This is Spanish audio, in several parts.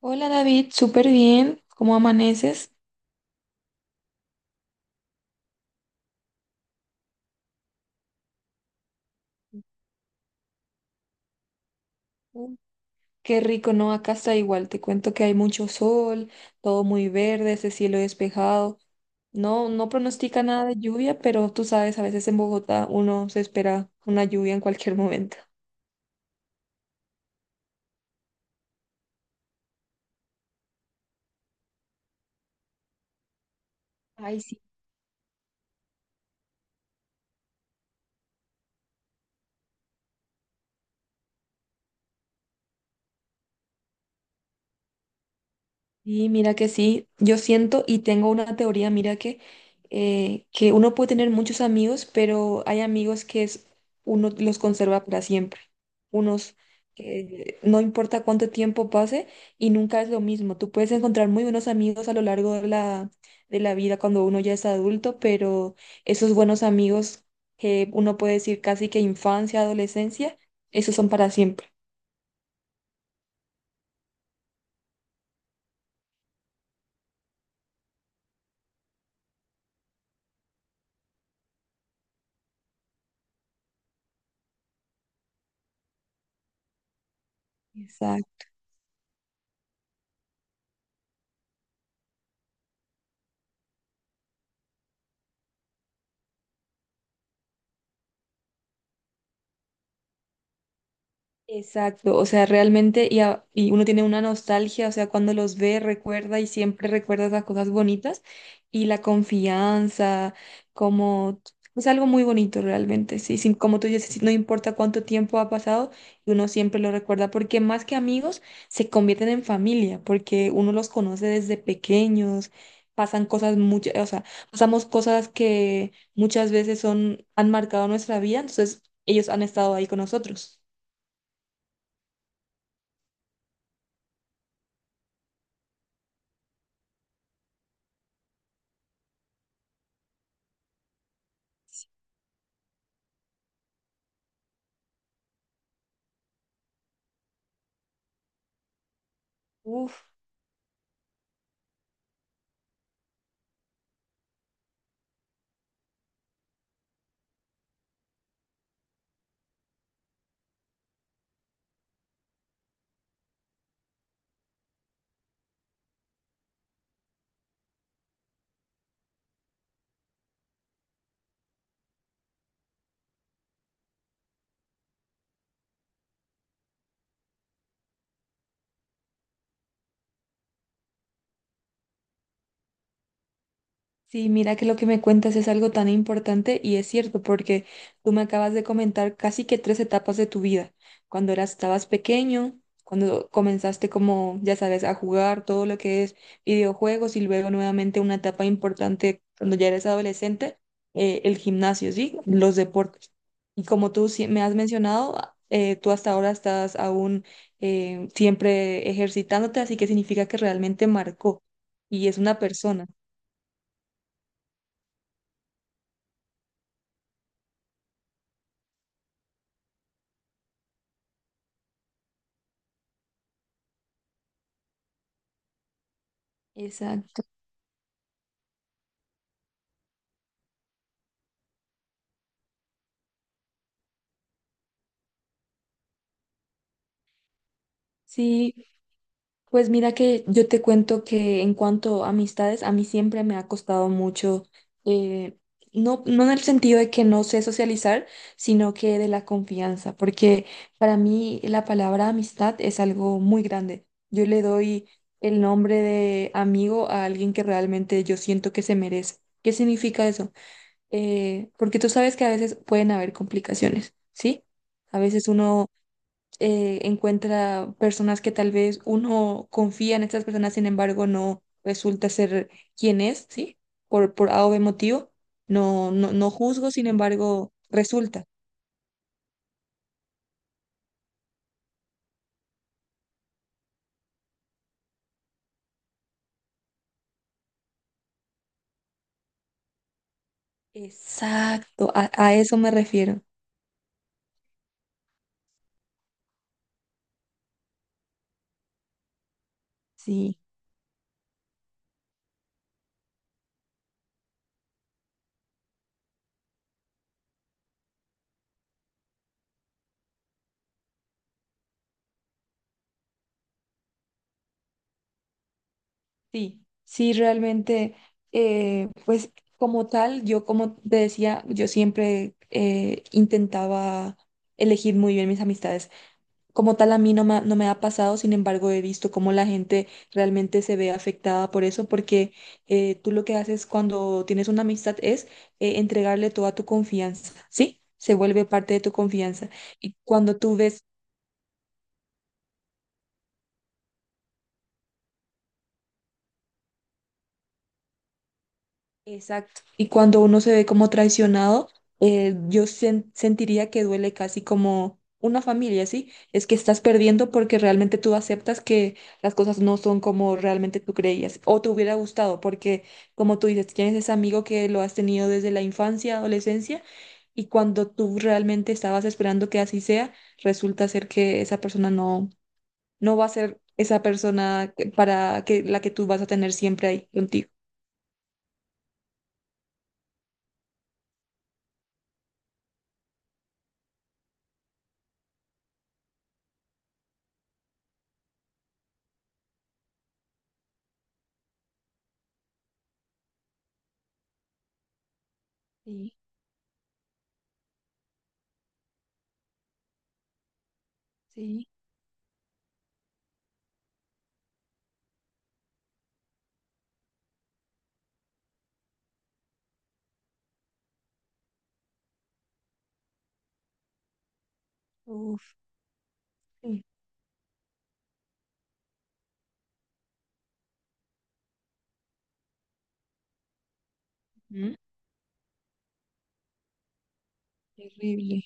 Hola David, súper bien. ¿Cómo amaneces? Ujú. Qué rico, ¿no? Acá está igual. Te cuento que hay mucho sol, todo muy verde, ese cielo despejado. No, no pronostica nada de lluvia, pero tú sabes, a veces en Bogotá uno se espera una lluvia en cualquier momento. Ay sí. Y mira que sí, yo siento y tengo una teoría, mira que uno puede tener muchos amigos, pero hay amigos que es, uno los conserva para siempre. Unos que no importa cuánto tiempo pase y nunca es lo mismo. Tú puedes encontrar muy buenos amigos a lo largo de la vida cuando uno ya es adulto, pero esos buenos amigos que uno puede decir casi que infancia, adolescencia, esos son para siempre. Exacto. Exacto, o sea, realmente, y uno tiene una nostalgia, o sea, cuando los ve, recuerda y siempre recuerda esas cosas bonitas y la confianza, como, es algo muy bonito realmente, sí, sí, como tú dices, sí, no importa cuánto tiempo ha pasado, uno siempre lo recuerda, porque más que amigos, se convierten en familia, porque uno los conoce desde pequeños, pasan cosas muchas, o sea, pasamos cosas que muchas veces son, han marcado nuestra vida, entonces ellos han estado ahí con nosotros. Uf. Sí, mira que lo que me cuentas es algo tan importante y es cierto, porque tú me acabas de comentar casi que tres etapas de tu vida. Cuando eras, estabas pequeño, cuando comenzaste como, ya sabes, a jugar todo lo que es videojuegos y luego nuevamente una etapa importante cuando ya eres adolescente, el gimnasio, ¿sí? Los deportes. Y como tú sí me has mencionado, ah, tú hasta ahora estás aún siempre ejercitándote, así que significa que realmente marcó y es una persona. Exacto. Sí, pues mira que yo te cuento que en cuanto a amistades, a mí siempre me ha costado mucho, eh, no, no en el sentido de que no sé socializar, sino que de la confianza, porque para mí la palabra amistad es algo muy grande. Yo le doy el nombre de amigo a alguien que realmente yo siento que se merece. ¿Qué significa eso? Porque tú sabes que a veces pueden haber complicaciones, ¿sí? A veces uno encuentra personas que tal vez uno confía en estas personas, sin embargo, no resulta ser quien es, ¿sí? Por A o B motivo. No, no, no juzgo, sin embargo, resulta. Exacto, a eso me refiero. Sí, sí, sí, realmente, pues como tal, yo como te decía, yo siempre intentaba elegir muy bien mis amistades. Como tal, a mí no me, ha- no me ha pasado, sin embargo, he visto cómo la gente realmente se ve afectada por eso, porque tú lo que haces cuando tienes una amistad es entregarle toda tu confianza, ¿sí? Se vuelve parte de tu confianza. Y cuando tú ves. Exacto. Y cuando uno se ve como traicionado, sentiría que duele casi como una familia, ¿sí? Es que estás perdiendo porque realmente tú aceptas que las cosas no son como realmente tú creías o te hubiera gustado, porque como tú dices, tienes ese amigo que lo has tenido desde la infancia, adolescencia, y cuando tú realmente estabas esperando que así sea, resulta ser que esa persona no, no va a ser esa persona que- para que la que tú vas a tener siempre ahí contigo. Sí, sí. Uf. Sí. ¿Mm? Terrible.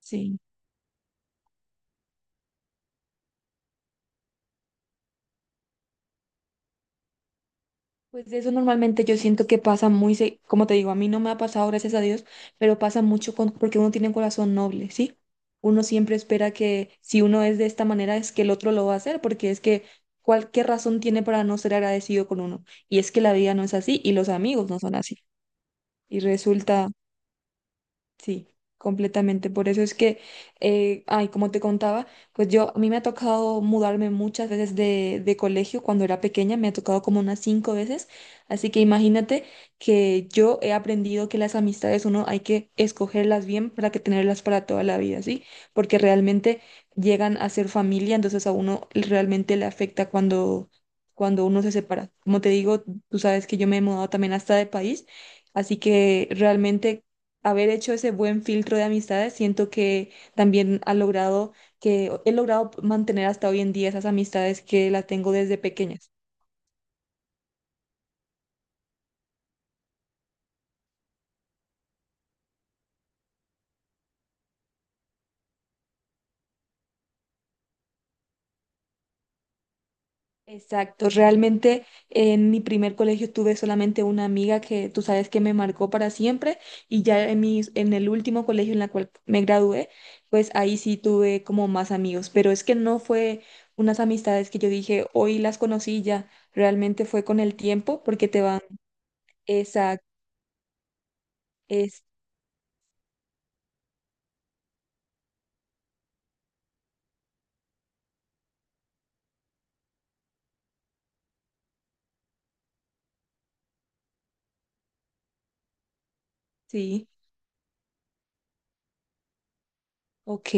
Sí. Pues de eso normalmente yo siento que como te digo, a mí no me ha pasado, gracias a Dios, pero pasa mucho con, porque uno tiene un corazón noble, ¿sí? Uno siempre espera que si uno es de esta manera es que el otro lo va a hacer, porque es que cualquier razón tiene para no ser agradecido con uno. Y es que la vida no es así y los amigos no son así. Y resulta. Sí, completamente. Por eso es que, ay, como te contaba, pues yo, a mí me ha tocado mudarme muchas veces de colegio cuando era pequeña, me ha tocado como unas 5 veces. Así que imagínate que yo he aprendido que las amistades uno hay que escogerlas bien para que tenerlas para toda la vida, ¿sí? Porque realmente llegan a ser familia, entonces a uno realmente le afecta cuando, cuando uno se separa. Como te digo, tú sabes que yo me he mudado también hasta de país. Así que realmente haber hecho ese buen filtro de amistades, siento que también ha logrado que he logrado mantener hasta hoy en día esas amistades que las tengo desde pequeñas. Exacto, realmente en mi primer colegio tuve solamente una amiga que tú sabes que me marcó para siempre y ya en mis, en el último colegio en la cual me gradué, pues ahí sí tuve como más amigos, pero es que no fue unas amistades que yo dije, hoy las conocí ya, realmente fue con el tiempo porque te van, exacto, es, sí. Ok,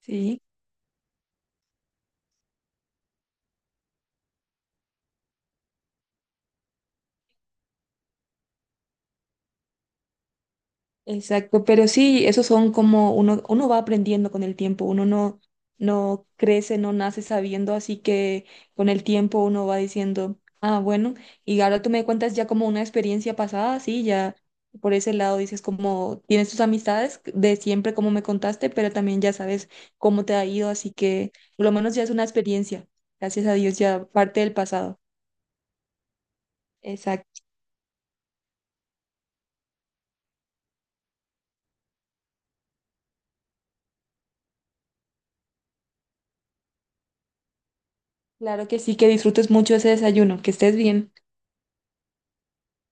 sí, exacto. Pero sí, esos son como uno, uno va aprendiendo con el tiempo, uno no, no crece, no nace sabiendo, así que con el tiempo uno va diciendo, ah, bueno, y ahora tú me cuentas ya como una experiencia pasada, sí, ya por ese lado dices como tienes tus amistades de siempre como me contaste, pero también ya sabes cómo te ha ido, así que por lo menos ya es una experiencia. Gracias a Dios, ya parte del pasado. Exacto. Claro que sí, que disfrutes mucho ese desayuno, que estés bien.